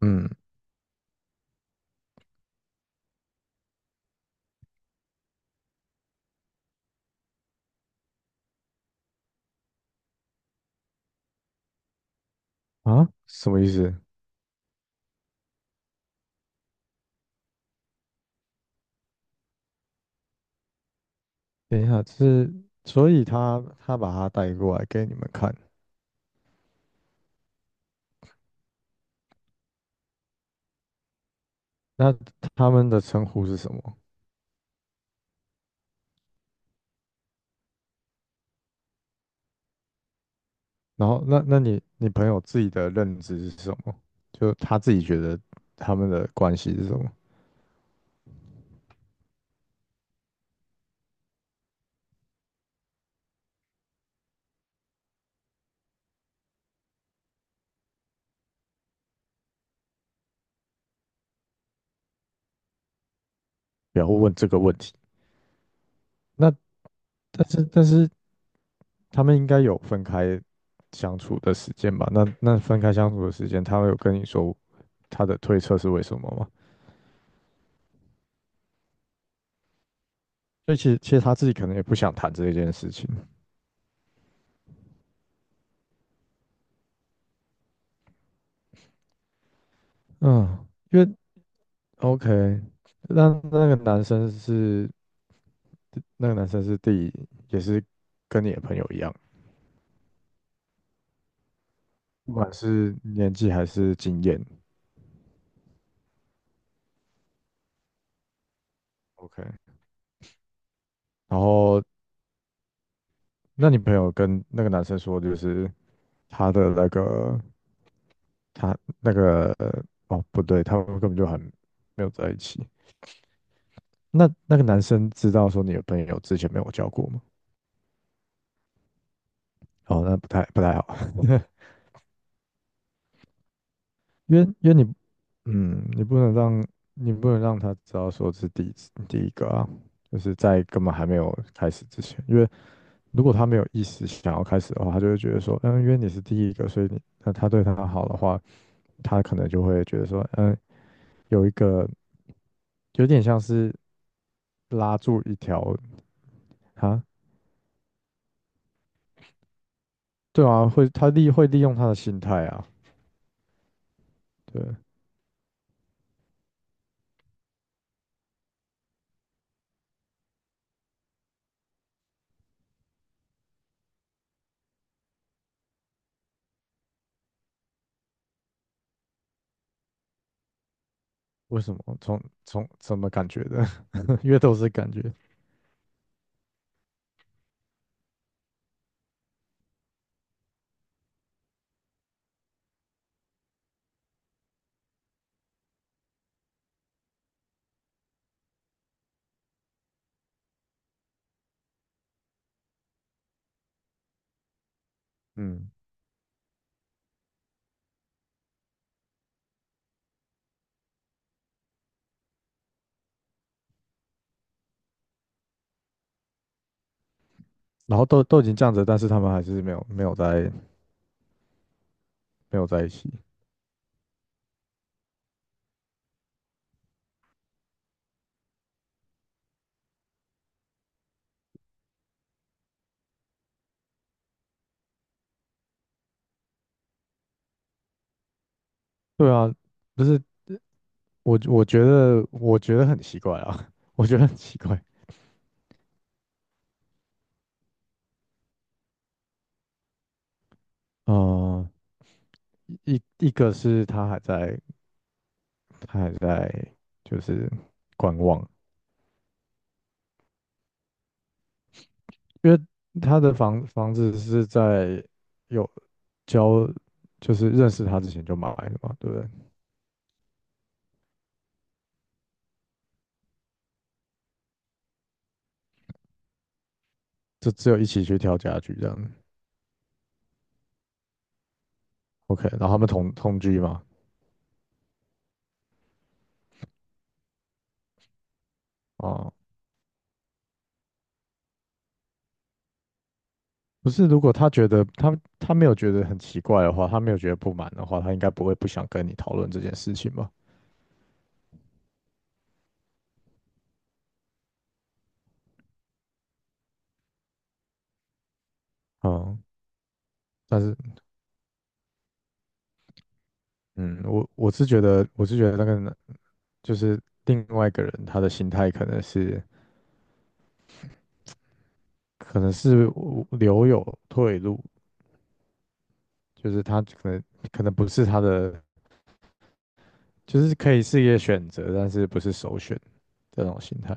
嗯。啊，什么意思？等一下，是所以他把他带过来给你们看，那他们的称呼是什么？然后那你朋友自己的认知是什么？就他自己觉得他们的关系是什么？不要问这个问题。那但是他们应该有分开相处的时间吧？那分开相处的时间，他有跟你说他的推测是为什么吗？所以其实他自己可能也不想谈这一件事情，嗯，因为 OK,那那个男生是那个男生是第也是跟你的朋友一样，不管是年纪还是经验，OK,然后那你朋友跟那个男生说，就是他的那个他那个哦，不对，他们根本就很没有在一起。那那个男生知道说你的朋友之前没有交过吗？哦，那不太好。因为你嗯，你不能让你不能让他知道说是第一次第一个啊，就是在根本还没有开始之前，因为如果他没有意识想要开始的话，他就会觉得说，嗯，因为你是第一个，所以你那他对他好的话。他可能就会觉得说，嗯，有一个有点像是拉住一条啊。对啊，会会利用他的心态啊。对，为什么？从什么感觉的？因为都是感觉。嗯，然后都已经这样子，但是他们还是没有在一起，对啊。不是，我觉得我觉得很奇怪啊，我觉得很奇怪。嗯、一个是他还在他还在就是观望，因为他的房子是在有交，就是认识他之前就买的嘛，对不对？就只有一起去挑家具这样子。OK,然后他们同居嘛。啊，不是，如果他觉得他没有觉得很奇怪的话，他没有觉得不满的话，他应该不会不想跟你讨论这件事情吧？啊，但是嗯，我是觉得我是觉得那个男就是另外一个人他的心态可能是留有退路，就是他可能不是他的，就是可以是一个选择，但是不是首选这种心态。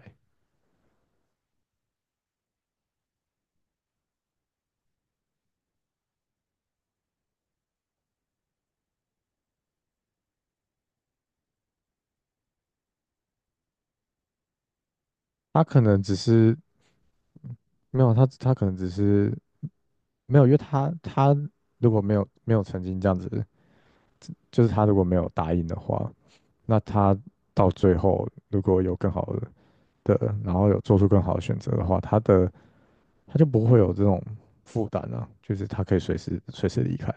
他可能只是没有他，他可能只是没有，因为他他如果没有曾经这样子，就是他如果没有答应的话，那他到最后如果有更好的的，然后有做出更好的选择的话，他的他就不会有这种负担啊，就是他可以随时离开，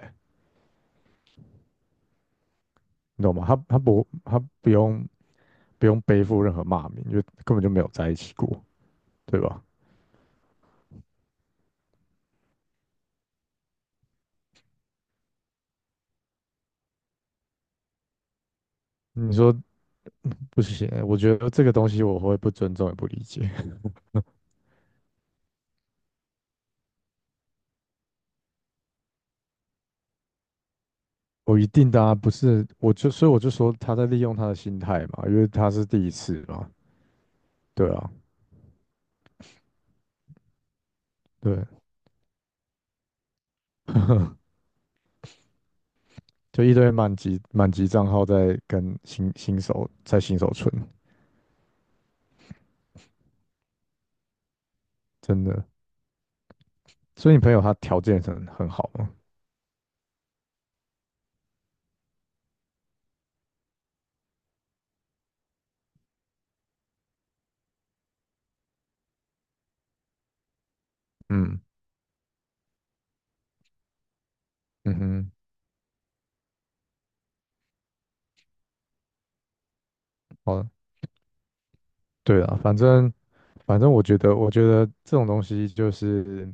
你懂吗？他不用背负任何骂名，因为根本就没有在一起过，对吧？你说不行欸，我觉得这个东西我会不尊重也不理解。我一定的啊，不是，我就所以我就说他在利用他的心态嘛，因为他是第一次嘛，对啊。对，就一堆满级账号在跟新手在新手村，真的。所以你朋友他条件很好嘛？嗯。嗯哼。好。对啊，反正反正我觉得我觉得这种东西就是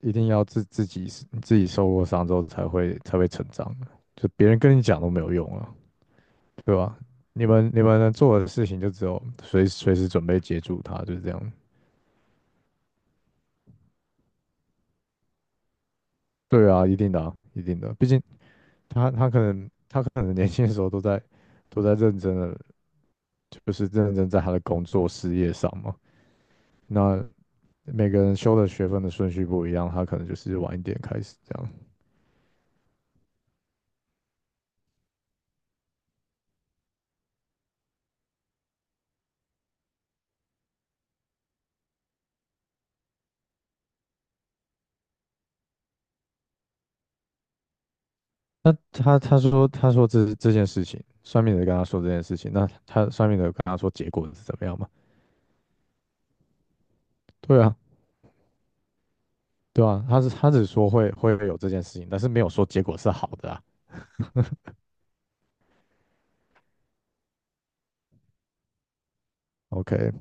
一定要自己自己受过伤之后才会成长的，就别人跟你讲都没有用啊，对吧？你们能做的事情就只有随时准备接住他，就是这样。对啊，一定的，毕竟他可能年轻的时候都在认真的，就是认真在他的工作事业上嘛。那每个人修的学分的顺序不一样，他可能就是晚一点开始这样。那他说这这件事情，算命的跟他说这件事情，那他算命的有跟他说结果是怎么样嘛？对啊，对啊，他是他只说会有这件事情，但是没有说结果是好的啊。OK,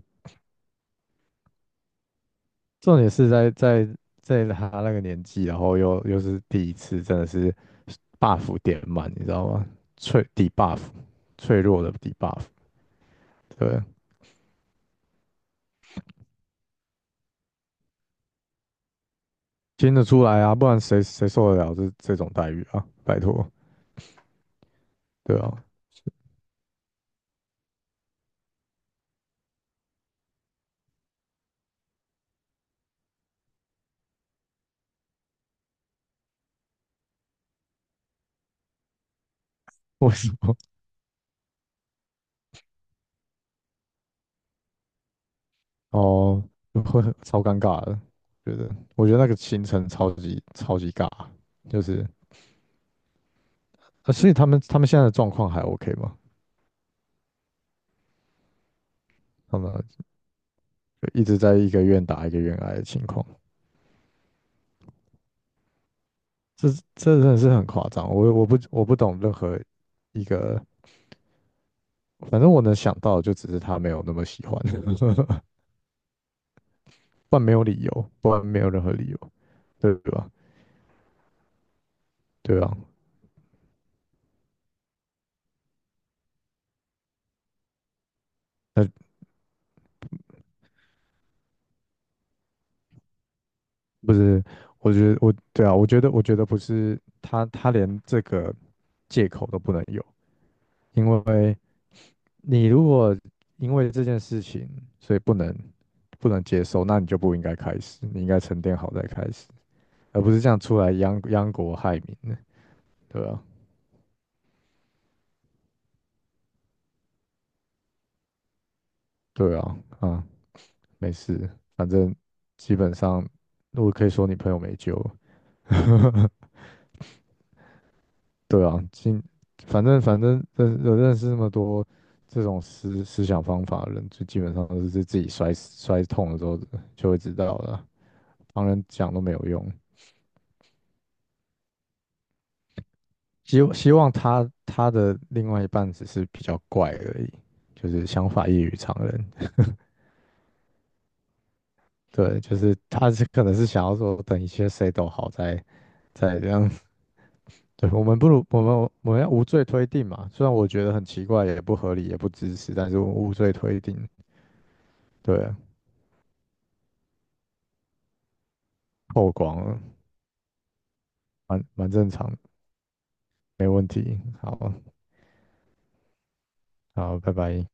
重点是在他那个年纪，然后又是第一次，真的是 buff 点满，你知道吗？脆底 buff,脆弱的底 buff。对，听得出来啊，不然谁受得了这种待遇啊？拜托。对啊。我哦，就会很超尴尬的，觉得我觉得那个行程超级尬。就是啊，所以他们现在的状况还 OK 吗？他们就一直在一个愿打一个愿挨的情况。这这真的是很夸张，我不懂任何一个，反正我能想到的就只是他没有那么喜欢。不然没有理由，不然没有任何理由，对吧？对啊，那不是，我觉得我对啊，我觉得我觉得不是他他连这个借口都不能有。因为你如果因为这件事情，所以不能接受，那你就不应该开始，你应该沉淀好再开始，而不是这样出来殃国害民的。对啊，对啊，啊，没事，反正基本上我可以说你朋友没救了。对啊，今反正认识那么多这种思想方法的人，就基本上都是自己摔死摔痛了之后就会知道了，旁人讲都没有用。希望他他的另外一半只是比较怪而已，就是想法异于常人。对，就是他是可能是想要说，等一切谁都好再这样。对，我们不如我们要无罪推定嘛，虽然我觉得很奇怪，也不合理，也不支持，但是我们无罪推定。对，透光了。蛮正常的，没问题。好。好，拜拜。